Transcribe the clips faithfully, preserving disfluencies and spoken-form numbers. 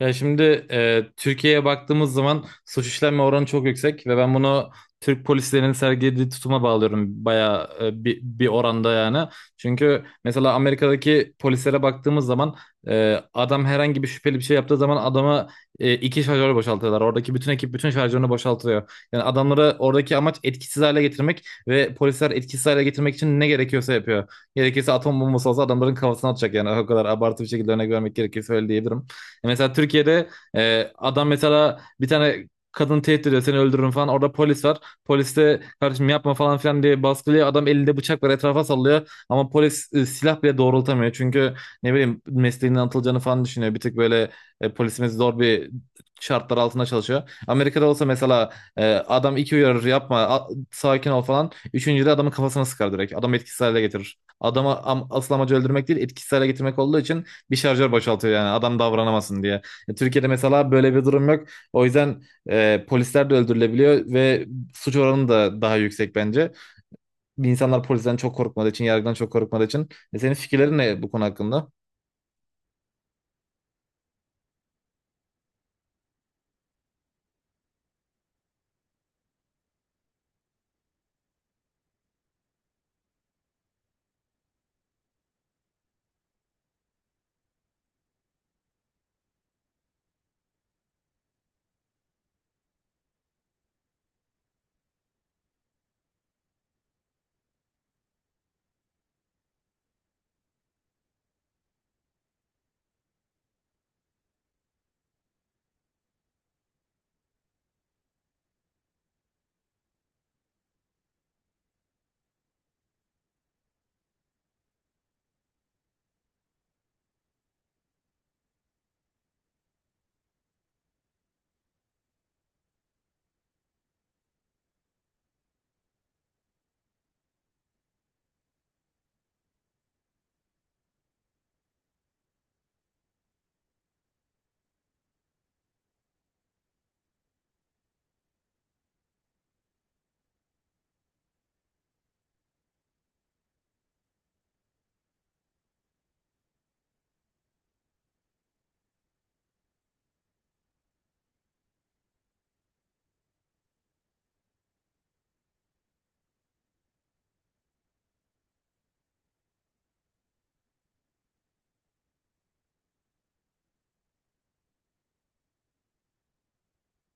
Ya şimdi e, Türkiye'ye baktığımız zaman suç işlenme oranı çok yüksek ve ben bunu Türk polislerinin sergilediği tutuma bağlıyorum bayağı e, bir, bir oranda yani. Çünkü mesela Amerika'daki polislere baktığımız zaman e, adam herhangi bir şüpheli bir şey yaptığı zaman adama e, iki şarjör boşaltıyorlar. Oradaki bütün ekip bütün şarjörünü boşaltıyor. Yani adamları oradaki amaç etkisiz hale getirmek ve polisler etkisiz hale getirmek için ne gerekiyorsa yapıyor. Gerekirse atom bombası olsa adamların kafasına atacak yani o kadar abartı bir şekilde örnek vermek gerekirse öyle diyebilirim. Mesela Türkiye'de e, adam mesela bir tane kadın tehdit ediyor seni öldürürüm falan. Orada polis var. Polis de kardeşim yapma falan filan diye baskılıyor. Adam elinde bıçak var etrafa sallıyor. Ama polis e, silah bile doğrultamıyor. Çünkü ne bileyim mesleğinden atılacağını falan düşünüyor. Bir tık böyle e, polisimiz zor bir şartlar altında çalışıyor. Amerika'da olsa mesela e, adam iki uyarır yapma a- sakin ol falan. Üçüncüde adamın kafasına sıkar direkt. Adamı etkisiz hale getirir. Adamı am- asıl amacı öldürmek değil etkisiz hale getirmek olduğu için bir şarjör boşaltıyor yani adam davranamasın diye. E, Türkiye'de mesela böyle bir durum yok. O yüzden e, polisler de öldürülebiliyor ve suç oranı da daha yüksek bence. İnsanlar polisten çok korkmadığı için, yargıdan çok korkmadığı için. E, senin fikirlerin ne bu konu hakkında?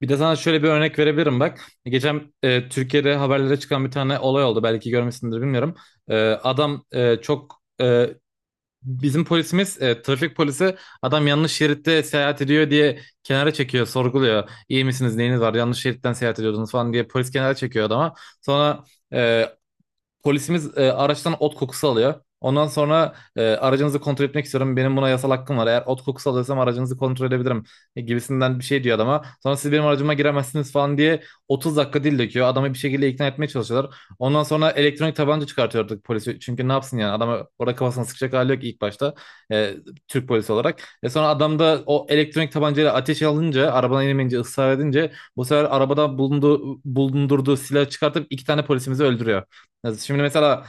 Bir de sana şöyle bir örnek verebilirim bak. Geçen e, Türkiye'de haberlere çıkan bir tane olay oldu. Belki görmüşsündür bilmiyorum. E, adam e, çok e, Bizim polisimiz, e, trafik polisi adam yanlış şeritte seyahat ediyor diye kenara çekiyor, sorguluyor. İyi misiniz, neyiniz var, yanlış şeritten seyahat ediyordunuz falan diye polis kenara çekiyor adama. Sonra e, polisimiz e, araçtan ot kokusu alıyor. Ondan sonra e, aracınızı kontrol etmek istiyorum. Benim buna yasal hakkım var. Eğer ot kokusu alıyorsam aracınızı kontrol edebilirim e, gibisinden bir şey diyor adama. Sonra siz benim aracıma giremezsiniz falan diye otuz dakika dil döküyor. Adamı bir şekilde ikna etmeye çalışıyorlar. Ondan sonra elektronik tabanca çıkartıyor artık polisi. Çünkü ne yapsın yani adamı orada kafasına sıkacak hali yok ilk başta E, Türk polisi olarak. E, sonra adam da o elektronik tabancayla ateş alınca, arabadan inemeyince, ısrar edince bu sefer arabada bulunduğu, bulundurduğu silahı çıkartıp iki tane polisimizi öldürüyor. Ya şimdi mesela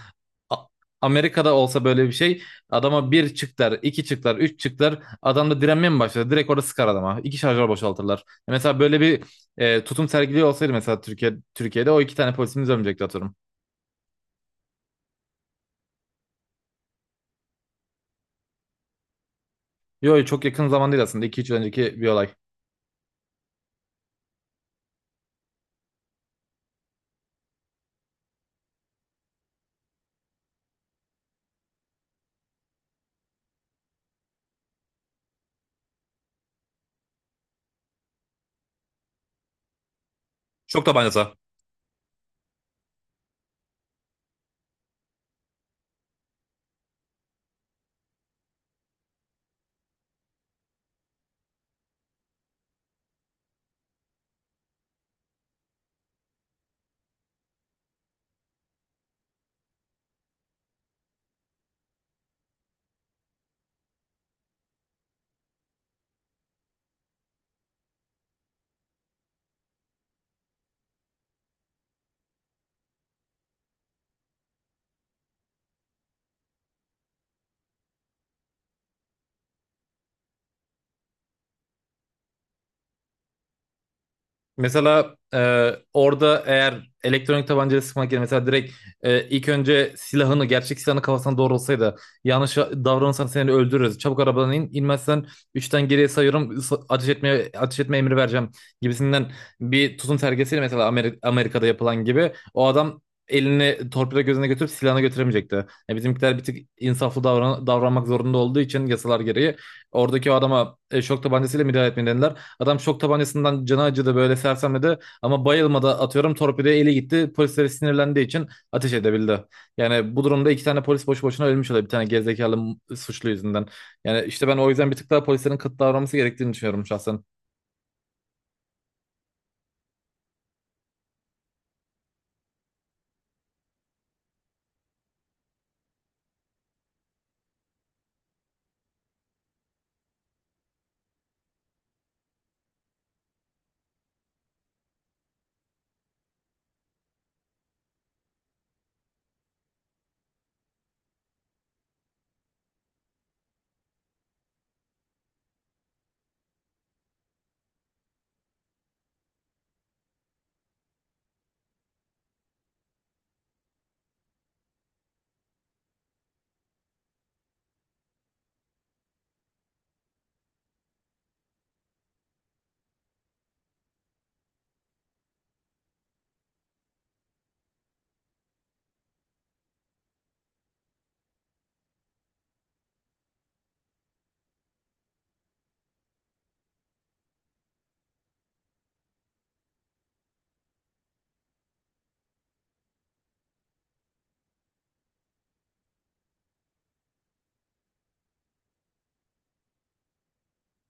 A- Amerika'da olsa böyle bir şey adama bir çıktılar, iki çıktılar, üç çıktılar adam da direnmeye mi başladı? Direkt orada sıkar adama. İki şarjör boşaltırlar. E Mesela böyle bir e, tutum sergiliyor olsaydı mesela Türkiye, Türkiye'de o iki tane polisimiz ölmeyecekti atıyorum. Yok çok yakın zaman değil aslında. iki üç önceki bir olay. Çok tabancası. Mesela e, orada eğer elektronik tabancayla sıkmak yerine mesela direkt e, ilk önce silahını gerçek silahını kafasına doğrulsaydı yanlış davranırsan seni öldürürüz. Çabuk arabadan in. İnmezsen üçten geriye sayıyorum s- ateş etmeye ateş etme emri vereceğim gibisinden bir tutum sergisiyle mesela Ameri- Amerika'da yapılan gibi o adam elini torpido gözüne götürüp silahını götüremeyecekti. E, bizimkiler bir tık insaflı davran davranmak zorunda olduğu için yasalar gereği oradaki o adama e, şok tabancasıyla müdahale etmediler. Adam şok tabancasından canı acıdı böyle sersemledi ama bayılmadı atıyorum torpidoya eli gitti. Polislere sinirlendiği için ateş edebildi. Yani bu durumda iki tane polis boşu boşuna ölmüş oluyor bir tane gerizekalı m- suçlu yüzünden. Yani işte ben o yüzden bir tık daha polislerin kıt davranması gerektiğini düşünüyorum şahsen.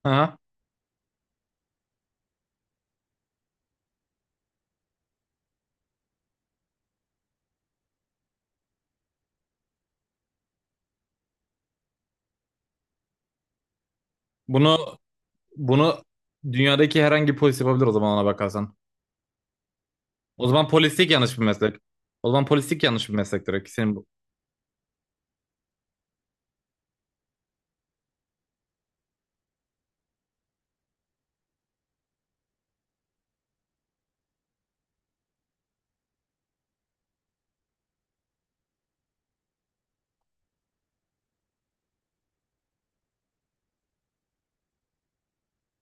Aha. Bunu bunu dünyadaki herhangi bir polis yapabilir o zaman ona bakarsan. O zaman polislik yanlış bir meslek. O zaman polislik yanlış bir meslek direkt senin bu.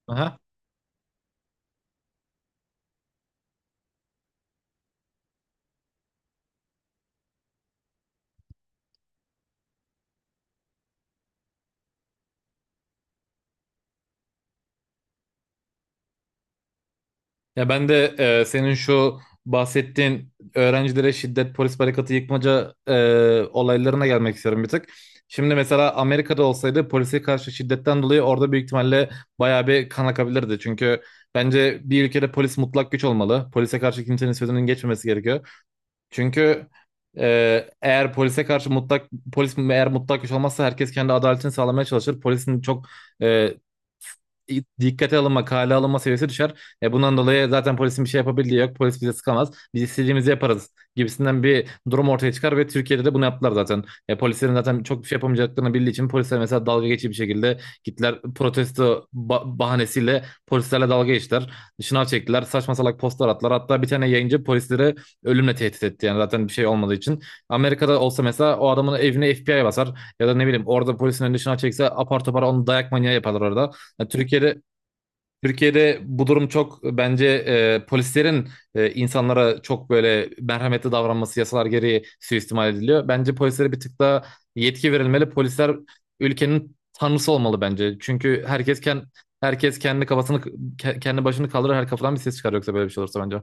Aha. Ya ben de e, senin şu bahsettiğin öğrencilere şiddet, polis barikatı yıkmaca e, olaylarına gelmek istiyorum bir tık. Şimdi mesela Amerika'da olsaydı polise karşı şiddetten dolayı orada büyük ihtimalle bayağı bir kan akabilirdi. Çünkü bence bir ülkede polis mutlak güç olmalı. Polise karşı kimsenin sözünün geçmemesi gerekiyor. Çünkü e, eğer polise karşı mutlak polis eğer mutlak güç olmazsa herkes kendi adaletini sağlamaya çalışır. Polisin çok e, dikkate alınma, kale alınma seviyesi düşer. E bundan dolayı zaten polisin bir şey yapabildiği yok. Polis bize sıkamaz. Biz istediğimizi yaparız gibisinden bir durum ortaya çıkar ve Türkiye'de de bunu yaptılar zaten. E polislerin zaten çok bir şey yapamayacaklarını bildiği için polisler mesela dalga geçici bir şekilde gittiler protesto ba- bahanesiyle polislerle dalga geçtiler. Şınav çektiler. Saçma salak postlar attılar. Hatta bir tane yayıncı polislere ölümle tehdit etti yani zaten bir şey olmadığı için. Amerika'da olsa mesela o adamın evine F B I basar ya da ne bileyim orada polisin önüne şına çekse apar topar onu dayak manyağı yaparlar orada. Yani Türkiye'de Türkiye'de bu durum çok bence e, polislerin e, insanlara çok böyle merhametli davranması yasalar gereği suistimal ediliyor. Bence polislere bir tık daha yetki verilmeli. Polisler ülkenin tanrısı olmalı bence. Çünkü herkes kendi herkes kendi kafasını ke- kendi başını kaldırır her kafadan bir ses çıkar yoksa böyle bir şey olursa bence.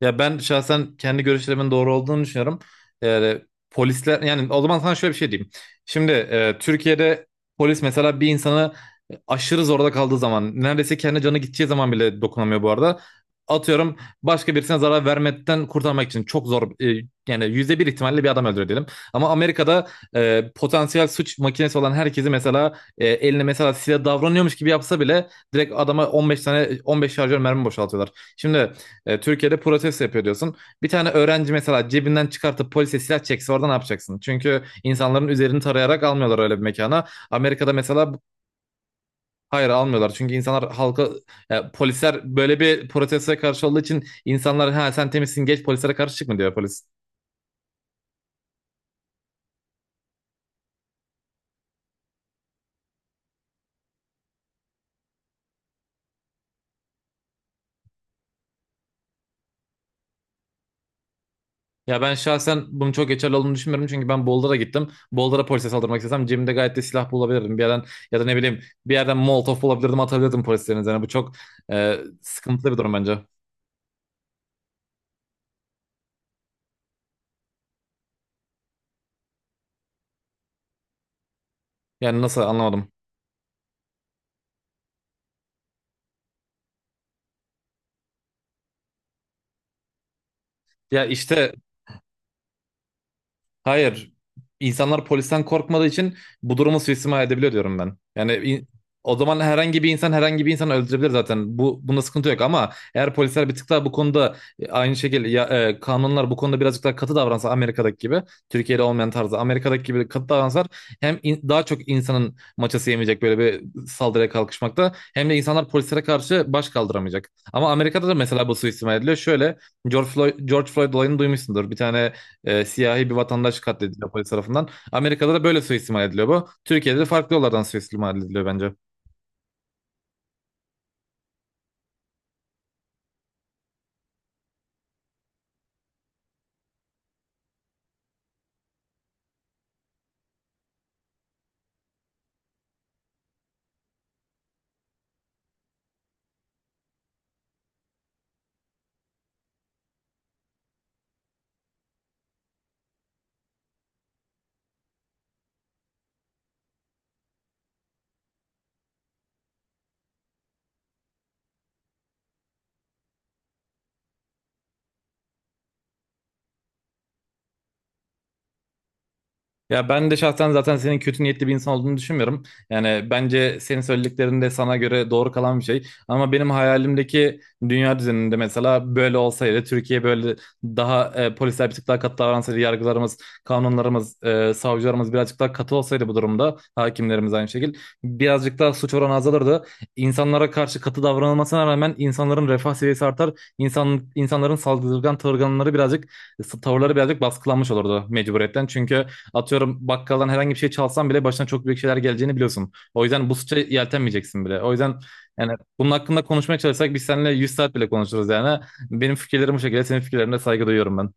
Ya ben şahsen kendi görüşlerimin doğru olduğunu düşünüyorum. Yani polisler yani o zaman sana şöyle bir şey diyeyim. Şimdi e, Türkiye'de polis mesela bir insanı aşırı zorda kaldığı zaman neredeyse kendi canı gideceği zaman bile dokunamıyor bu arada. Atıyorum başka birisine zarar vermekten kurtarmak için çok zor e, yani yüzde bir ihtimalle bir adam öldürüyor diyelim. Ama Amerika'da e, potansiyel suç makinesi olan herkesi mesela e, eline mesela silah davranıyormuş gibi yapsa bile direkt adama 15 tane 15 şarjör mermi boşaltıyorlar. Şimdi e, Türkiye'de protesto yapıyor diyorsun. Bir tane öğrenci mesela cebinden çıkartıp polise silah çekse orada ne yapacaksın? Çünkü insanların üzerini tarayarak almıyorlar öyle bir mekana. Amerika'da mesela bu- hayır almıyorlar. Çünkü insanlar halka e, polisler böyle bir protestoya karşı olduğu için insanlar ha sen temizsin geç polislere karşı çıkma diyor polis. Ya ben şahsen bunun çok geçerli olduğunu düşünmüyorum çünkü ben Boulder'a gittim. Boulder'a polise saldırmak istesem cebimde gayet de silah bulabilirdim. Bir yerden ya da ne bileyim bir yerden Molotov bulabilirdim atabilirdim polislerin üzerine. Bu çok e, sıkıntılı bir durum bence. Yani nasıl anlamadım. Ya işte hayır. İnsanlar polisten korkmadığı için bu durumu suistimal edebiliyor diyorum ben. Yani in- o zaman herhangi bir insan herhangi bir insanı öldürebilir zaten. Bu bunda sıkıntı yok ama eğer polisler bir tık daha bu konuda e, aynı şekilde ya, e, kanunlar bu konuda birazcık daha katı davransa Amerika'daki gibi Türkiye'de olmayan tarzda Amerika'daki gibi katı davransalar hem in- daha çok insanın maçası yemeyecek böyle bir saldırıya kalkışmakta hem de insanlar polislere karşı baş kaldıramayacak. Ama Amerika'da da mesela bu suistimal ediliyor. Şöyle George Floyd, George Floyd olayını duymuşsundur. Bir tane e, siyahi bir vatandaş katlediliyor polis tarafından. Amerika'da da böyle suistimal ediliyor bu. Türkiye'de de farklı yollardan suistimal ediliyor bence. Ya ben de şahsen zaten senin kötü niyetli bir insan olduğunu düşünmüyorum. Yani bence senin söylediklerin de sana göre doğru kalan bir şey. Ama benim hayalimdeki dünya düzeninde mesela böyle olsaydı, Türkiye böyle daha e, polisler bir tık daha katı davransaydı, yargılarımız, kanunlarımız, e, savcılarımız birazcık daha katı olsaydı bu durumda, hakimlerimiz aynı şekilde birazcık daha suç oranı azalırdı. İnsanlara karşı katı davranılmasına rağmen insanların refah seviyesi artar, İnsan insanların saldırgan tavırları birazcık tavırları birazcık baskılanmış olurdu mecburiyetten. Çünkü atıyorum bakkaldan herhangi bir şey çalsan bile başına çok büyük şeyler geleceğini biliyorsun. O yüzden bu suça yeltenmeyeceksin bile. O yüzden yani bunun hakkında konuşmaya çalışsak biz seninle yüz saat bile konuşuruz yani. Benim fikirlerim bu şekilde, senin fikirlerine saygı duyuyorum ben.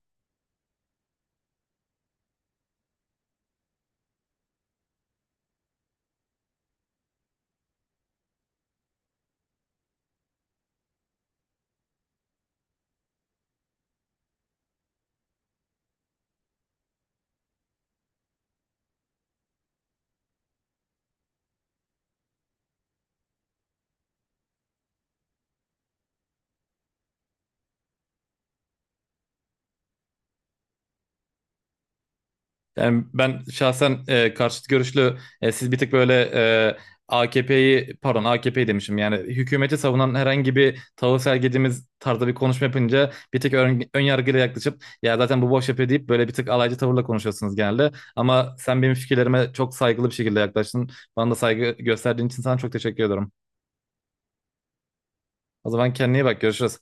Yani ben şahsen e, karşıt görüşlü e, siz bir tık böyle e, A K P'yi pardon A K P'yi demişim yani hükümeti savunan herhangi bir tavır sergilediğimiz tarzda bir konuşma yapınca bir tık ön, ön yargıyla yaklaşıp ya zaten bu boş yapıyor deyip böyle bir tık alaycı tavırla konuşuyorsunuz genelde. Ama sen benim fikirlerime çok saygılı bir şekilde yaklaştın. Bana da saygı gösterdiğin için sana çok teşekkür ediyorum. O zaman kendine iyi bak görüşürüz.